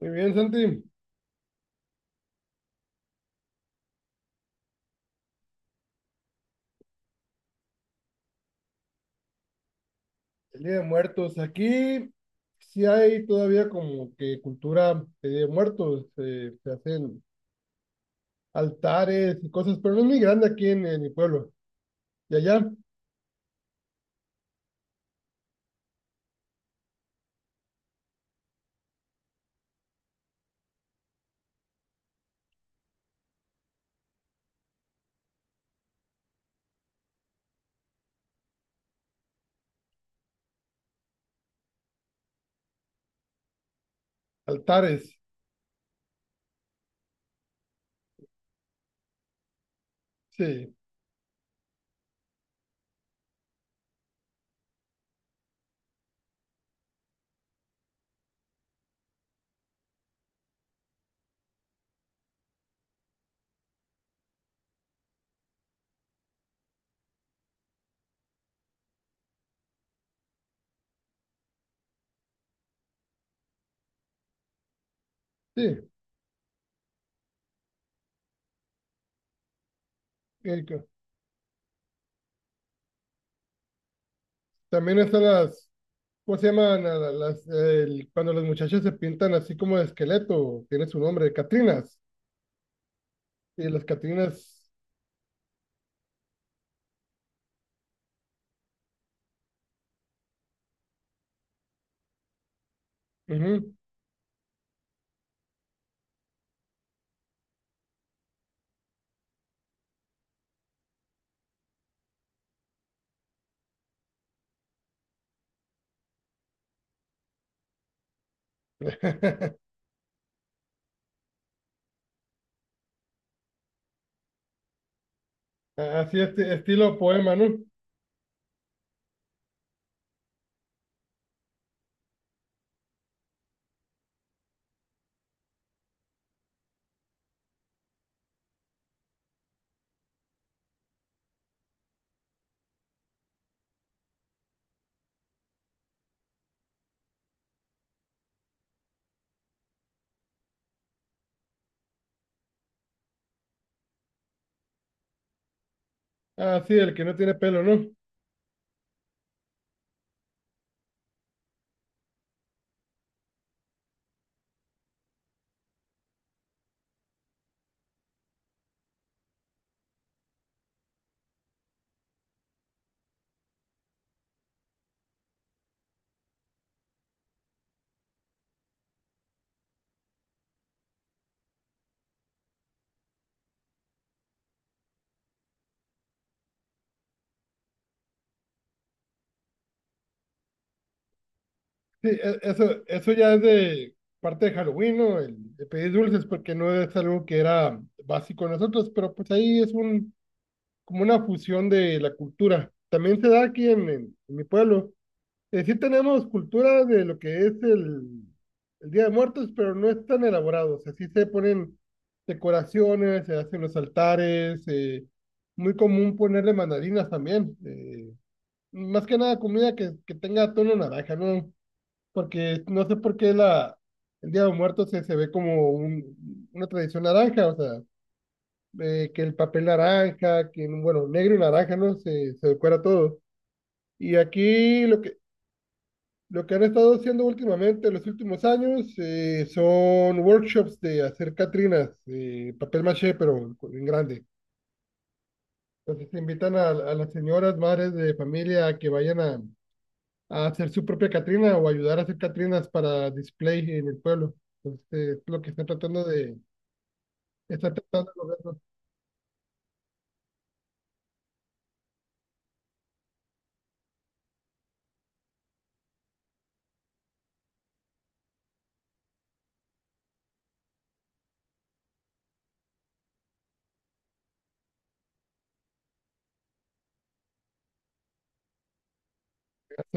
Muy bien, Santi. El Día de Muertos. Aquí sí hay todavía como que cultura de Día de Muertos. Se hacen altares y cosas, pero no es muy grande aquí en mi pueblo. Y allá, altares. Sí, sí. Erika. También están las, ¿cómo se llaman? A la- Las, el- cuando las muchachas se pintan así como de esqueleto, tiene su nombre, Catrinas. Y las Catrinas. Ujú. Así, estilo poema, ¿no? Ah, sí, el que no tiene pelo, ¿no? Sí, eso ya es de parte de Halloween, ¿no? De pedir dulces, porque no es algo que era básico en nosotros, pero pues ahí es como una fusión de la cultura. También se da aquí en mi pueblo. Sí tenemos cultura de lo que es el Día de Muertos, pero no es tan elaborado. O sea, sí se ponen decoraciones, se hacen los altares, muy común ponerle mandarinas también. Más que nada comida que tenga tono naranja, ¿no? Porque no sé por qué el Día de Muertos se ve como una tradición naranja, o sea, que el papel naranja, que, bueno, negro y naranja, ¿no? Se decora todo. Y aquí lo que han estado haciendo últimamente, en los últimos años, son workshops de hacer catrinas, papel maché, pero en grande. Entonces se invitan a las señoras, madres de familia, a que vayan a hacer su propia Catrina o ayudar a hacer Catrinas para display en el pueblo. Entonces, es lo que están tratando de lograr los.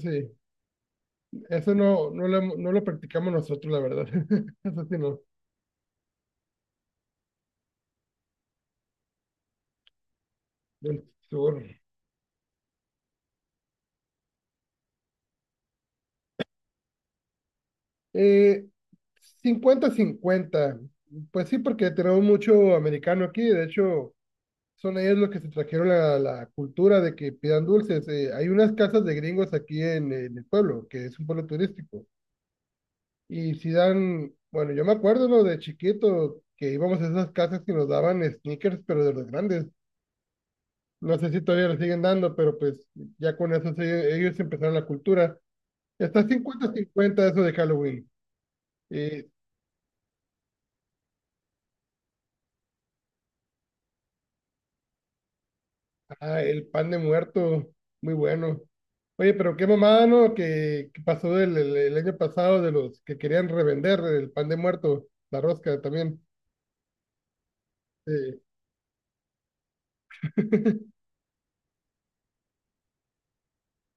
Sí. Eso no lo practicamos nosotros, la verdad. Eso sí, no, del sur. Eh, cincuenta 50. Pues sí, porque tenemos mucho americano aquí. De hecho, son ellos los que se trajeron la cultura de que pidan dulces. Hay unas casas de gringos aquí en el pueblo, que es un pueblo turístico. Y Zidane, bueno, yo me acuerdo, ¿no? De chiquito, que íbamos a esas casas que nos daban sneakers, pero de los grandes. No sé si todavía lo siguen dando, pero pues ya con eso ellos empezaron la cultura. Está 50 cincuenta eso de Halloween. Y, ah, el pan de muerto, muy bueno. Oye, pero qué mamada, ¿no? Que pasó el año pasado de los que querían revender el pan de muerto, la rosca también. Sí,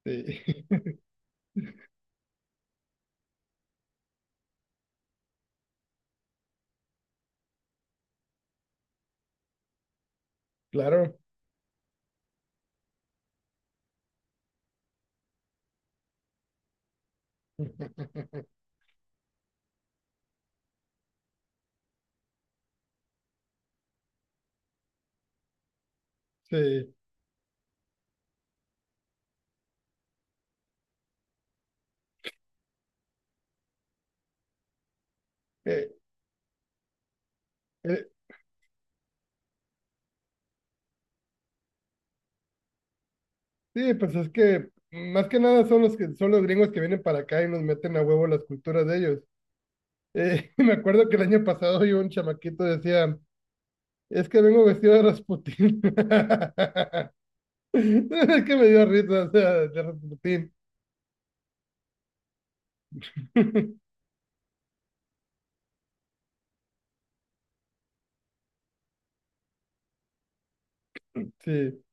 sí, claro. Sí. Eh, eh, Sí, pues es que más que nada son los que son los gringos que vienen para acá y nos meten a huevo las culturas de ellos. Me acuerdo que el año pasado yo un chamaquito decía, es que vengo vestido de Rasputín. Es que me dio risa, o sea, de Rasputín. Sí.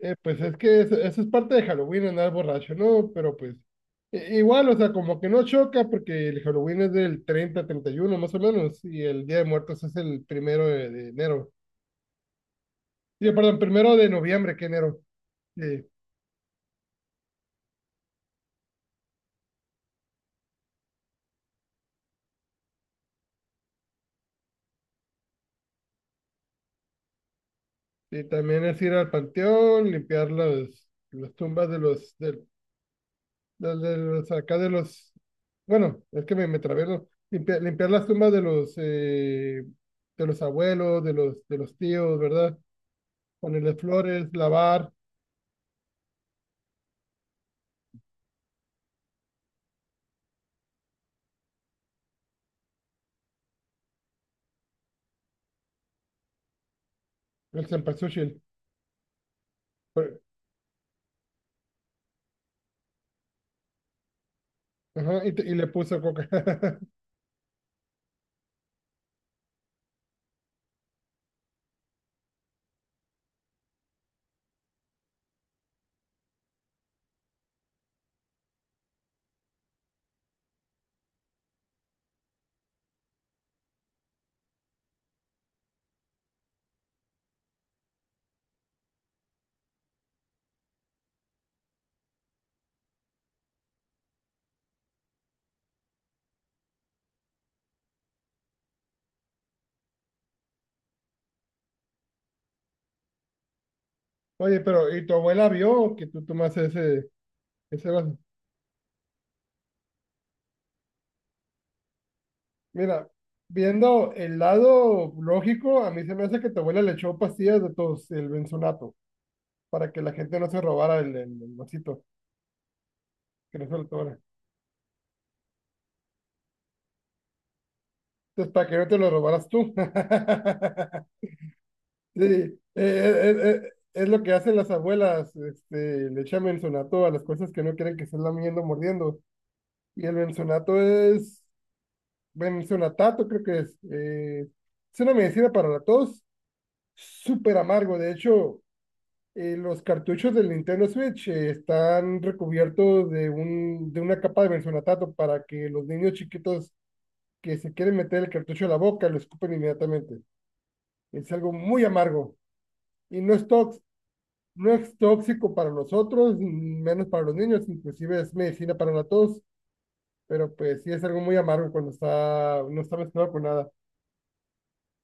Pues es que eso es parte de Halloween, andar borracho, ¿no? Pero pues igual, o sea, como que no choca porque el Halloween es del treinta treinta y uno más o menos, y el Día de Muertos es el primero de enero. Sí, perdón, primero de noviembre, que enero. Sí, y también es ir al panteón, limpiar las tumbas de los, del de los, acá de los, bueno, es que me trabé, ¿no? Limpiar las tumbas de los abuelos, de los tíos, ¿verdad? Ponerle flores, lavar, el cempasúchil. Pero. Ajá, y, y le puso coca. Oye, pero, ¿y tu abuela vio que tú tomas ese, ese vaso? Mira, viendo el lado lógico, a mí se me hace que tu abuela le echó pastillas de tos, el benzonato, para que la gente no se robara el vasito, que no se lo tomara. Entonces, para que no te lo robaras tú. Sí, es lo que hacen las abuelas, le echan benzonato a las cosas que no quieren que se la lamiendo, mordiendo. Y el benzonato es, benzonatato creo que es una medicina para la tos, súper amargo. De hecho, los cartuchos del Nintendo Switch están recubiertos de una capa de benzonatato para que los niños chiquitos que se quieren meter el cartucho a la boca, y lo escupen inmediatamente. Es algo muy amargo y no es tóxico, no es tóxico para nosotros, menos para los niños, inclusive es medicina para la tos, pero pues sí es algo muy amargo cuando está, no está mezclado con nada.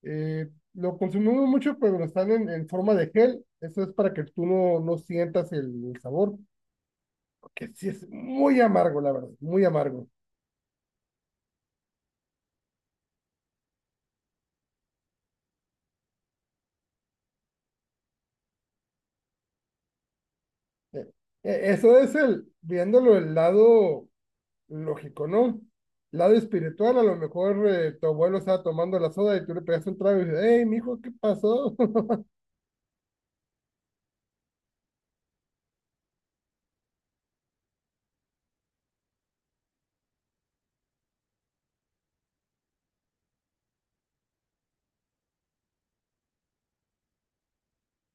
Lo consumimos mucho pero cuando están forma de gel, eso es para que tú no sientas el sabor, porque sí es muy amargo, la verdad, muy amargo. Eh, Eso es el, viéndolo el lado lógico, ¿no? Lado espiritual, a lo mejor tu abuelo estaba tomando la soda y tú le pegaste un trago y dices, hey, mijo, ¿qué pasó?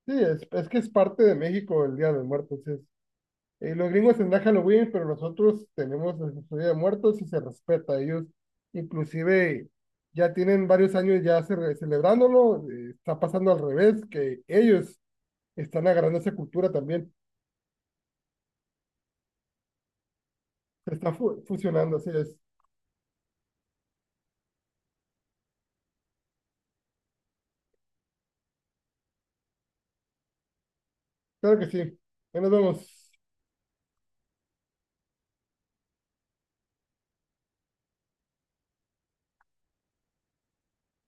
Sí, es que es parte de México el Día de Muertos. Sí. Es, los gringos tendrán Halloween, pero nosotros tenemos el Día de Muertos y se respeta. Ellos inclusive ya tienen varios años ya celebrándolo. Está pasando al revés, que ellos están agarrando esa cultura también. Se está fusionando, así es. Claro que sí. Ahí nos vemos.